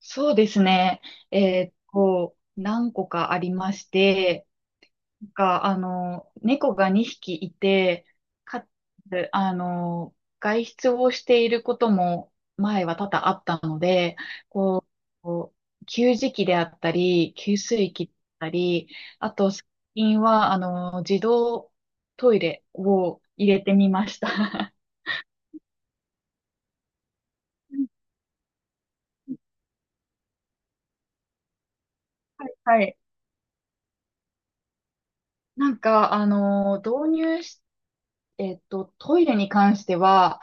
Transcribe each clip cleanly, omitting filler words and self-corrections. そうですね。何個かありまして、猫が2匹いて、かつ、外出をしていることも前は多々あったので、ここう給餌器であったり、給水器だったり、あと、最近は、自動トイレを入れてみました。はい。なんか、あの、導入しトイレに関しては、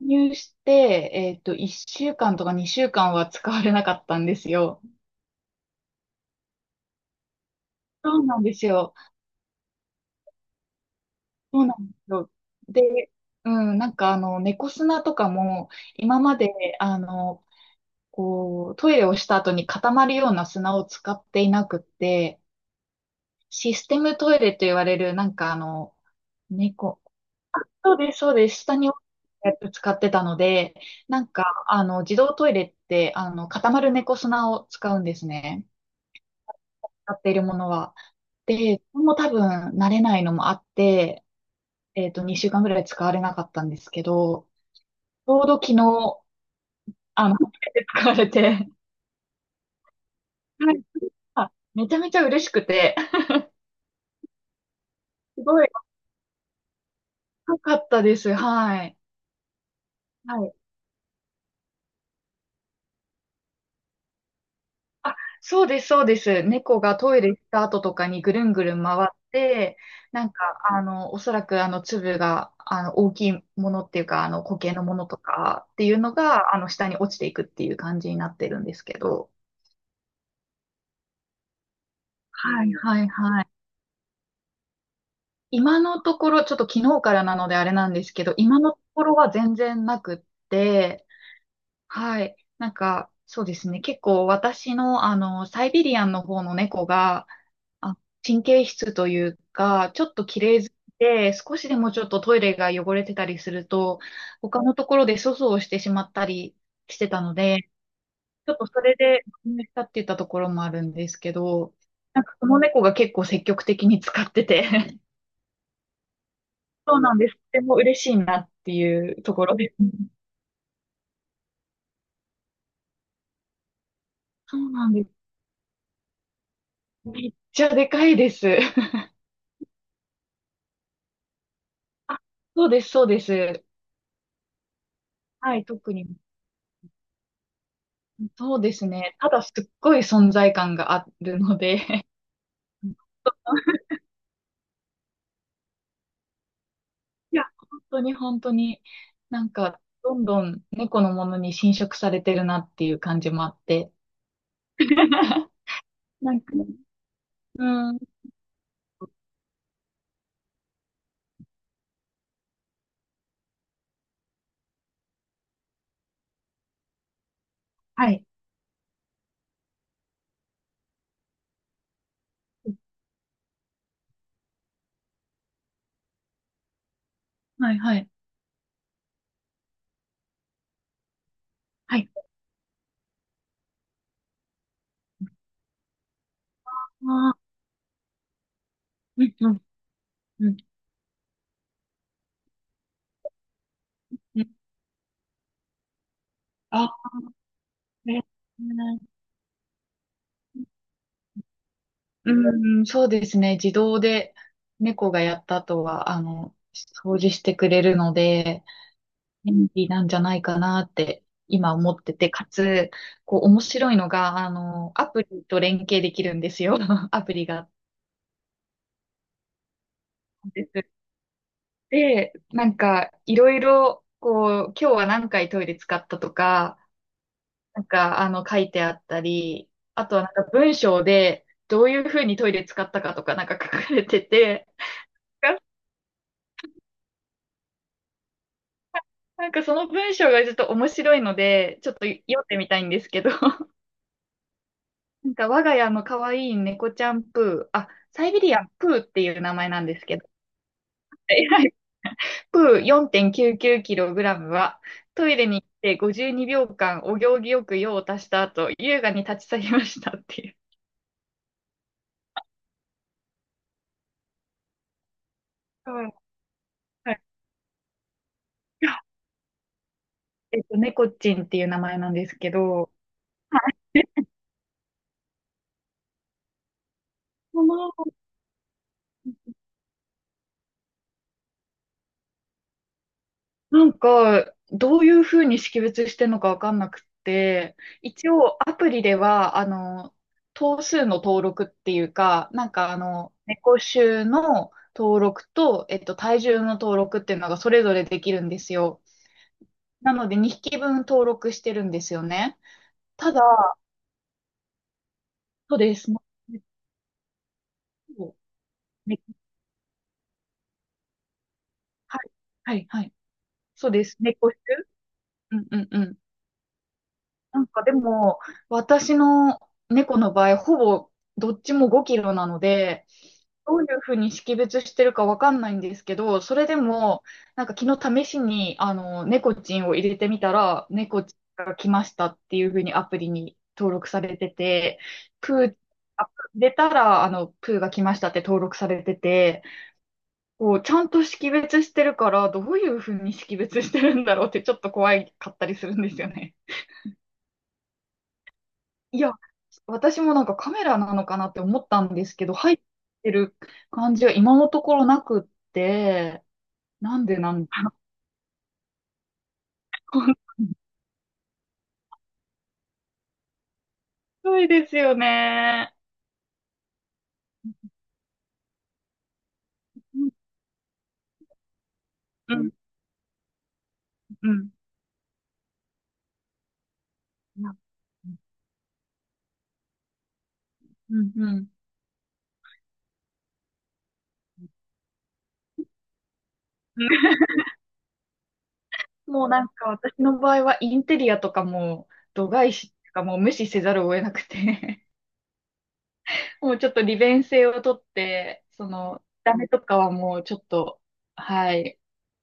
購入して、1週間とか2週間は使われなかったんですよ。そうなんですよ。そうなんですよ。で、うん、猫砂とかも、今まで、あの、トイレをした後に固まるような砂を使っていなくって、システムトイレと言われる、猫、そうです、そうです。下にやつ使ってたので、自動トイレって、固まる猫砂を使うんですね。使っているものは。で、これも多分慣れないのもあって、2週間ぐらい使われなかったんですけど、ちょうど昨日、初めて使われて、はい。めちゃめちゃ嬉しくて、すごい良かったです。はい。はい。あ、そうです、そうです。猫がトイレ行った後とかにぐるんぐるん回って、おそらく、粒が、大きいものっていうか、固形のものとかっていうのが、下に落ちていくっていう感じになってるんですけど。はい、はい、はい。今のところ、ちょっと昨日からなのであれなんですけど、今のところは全然なくって、はい。そうですね。結構私の、サイビリアンの方の猫が、あ、神経質というか、ちょっと綺麗好きで、少しでもちょっとトイレが汚れてたりすると、他のところで粗相をしてしまったりしてたので、ちょっとそれで、まねしたって言ったところもあるんですけど、その猫が結構積極的に使ってて、そうなんです。とても嬉しいなっていうところです。そうなんです。めっちゃでかいです。あ、そうです、そうです。はい、特に。そうですね。ただすっごい存在感があるので、 いや、本当に本当に、どんどん猫のものに侵食されてるなっていう感じもあって。なんか、うん。はい。はいはい。はい。ああ、うん、うん、うん。うん、あ、ね、うんうん、そうですね。自動で猫がやった後は、掃除してくれるので、便利なんじゃないかなって今思ってて、かつ、こう面白いのが、アプリと連携できるんですよ。アプリがです。で、いろいろ、今日は何回トイレ使ったとか、書いてあったり、あとは文章で、どういうふうにトイレ使ったかとか、書かれてて、がその文章がちょっと面白いので、ちょっと読んでみたいんですけど、我が家の可愛い猫ちゃんプー、サイベリアンプーっていう名前なんですけど、約 4.99kg は、トイレに行って52秒間お行儀よく用を足した後、優雅に立ち去りましたっていう。はい。はい。猫ちんっていう名前なんですけど、この、なんか、どういうふうに識別してるのかわかんなくて、一応アプリでは、頭数の登録っていうか、猫種の登録と、体重の登録っていうのがそれぞれできるんですよ。なので2匹分登録してるんですよね。ただ、そうです。猫猫はい、はい、はい。そうです。うんうんうん。でも、私の猫の場合、ほぼどっちも5キロなので、どういうふうに識別してるかわかんないんですけど、それでも、昨日試しに、猫ちんを入れてみたら、猫ちんが来ましたっていうふうにアプリに登録されてて、プー、あ入れたら、プーが来ましたって登録されてて、ちゃんと識別してるから、どういうふうに識別してるんだろうってちょっと怖かったりするんですよね。いや、私もカメラなのかなって思ったんですけど、入ってる感じは今のところなくって、なんでなんだろう。すごいですよね。うんうんうん。うんうん。もう私の場合はインテリアとかも度外視とかもう無視せざるを得なくて、 もうちょっと利便性をとって、ダメとかはもうちょっと、はい、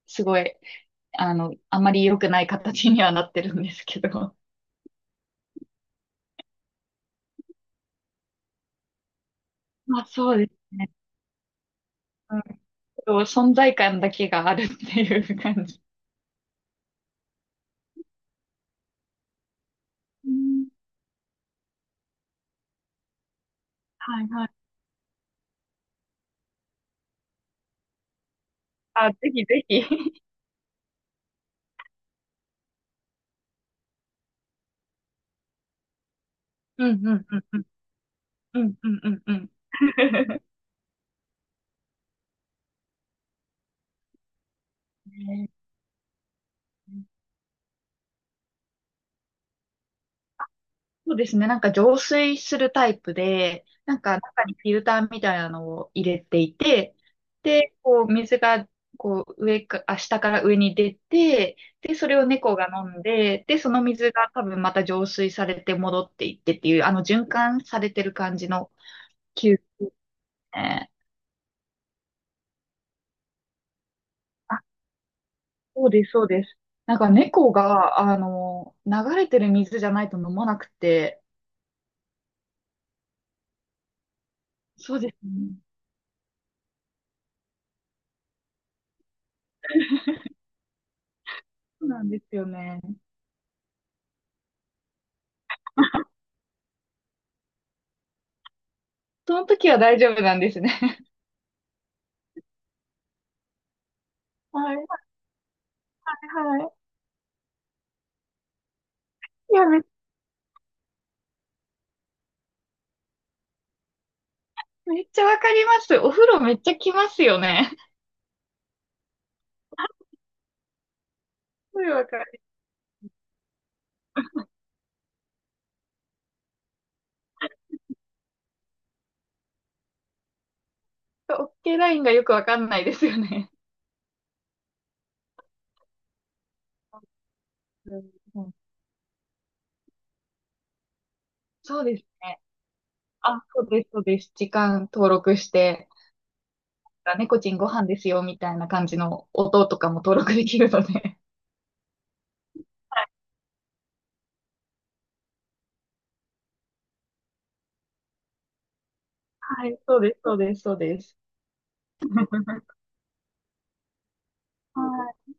すごいあんまり良くない形にはなってるんですけど。まあそうですね。うん、そう、存在感だけがあるっていう感じ。うん、はいはい。ぜひぜひ。うんうんうんうんうんうんうんうん。ね、そうですね。浄水するタイプで、中にフィルターみたいなのを入れていて、で、水がこう上か、あ、下から上に出て、で、それを猫が飲んで、で、その水が多分また浄水されて戻っていってっていう、循環されてる感じの球ね。あ、そうです、そうです。猫が、流れてる水じゃないと飲まなくて、そうですね。そうなんですよね。その時は大丈夫なんですね。はい。はい。いや、めっちゃわかります。お風呂めっちゃきますよね。すごいわかる。OK ラインがよくわかんないですよね。うんうん、そうですね。そうです、そうです。時間登録して、猫ちんご飯ですよ、みたいな感じの音とかも登録できるので。はい、そうです、そうです、そうです。はい、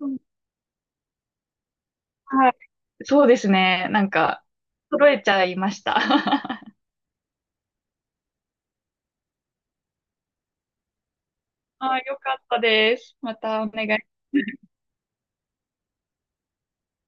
うん、はい。そうですね。揃えちゃいました。よかったです。またお願い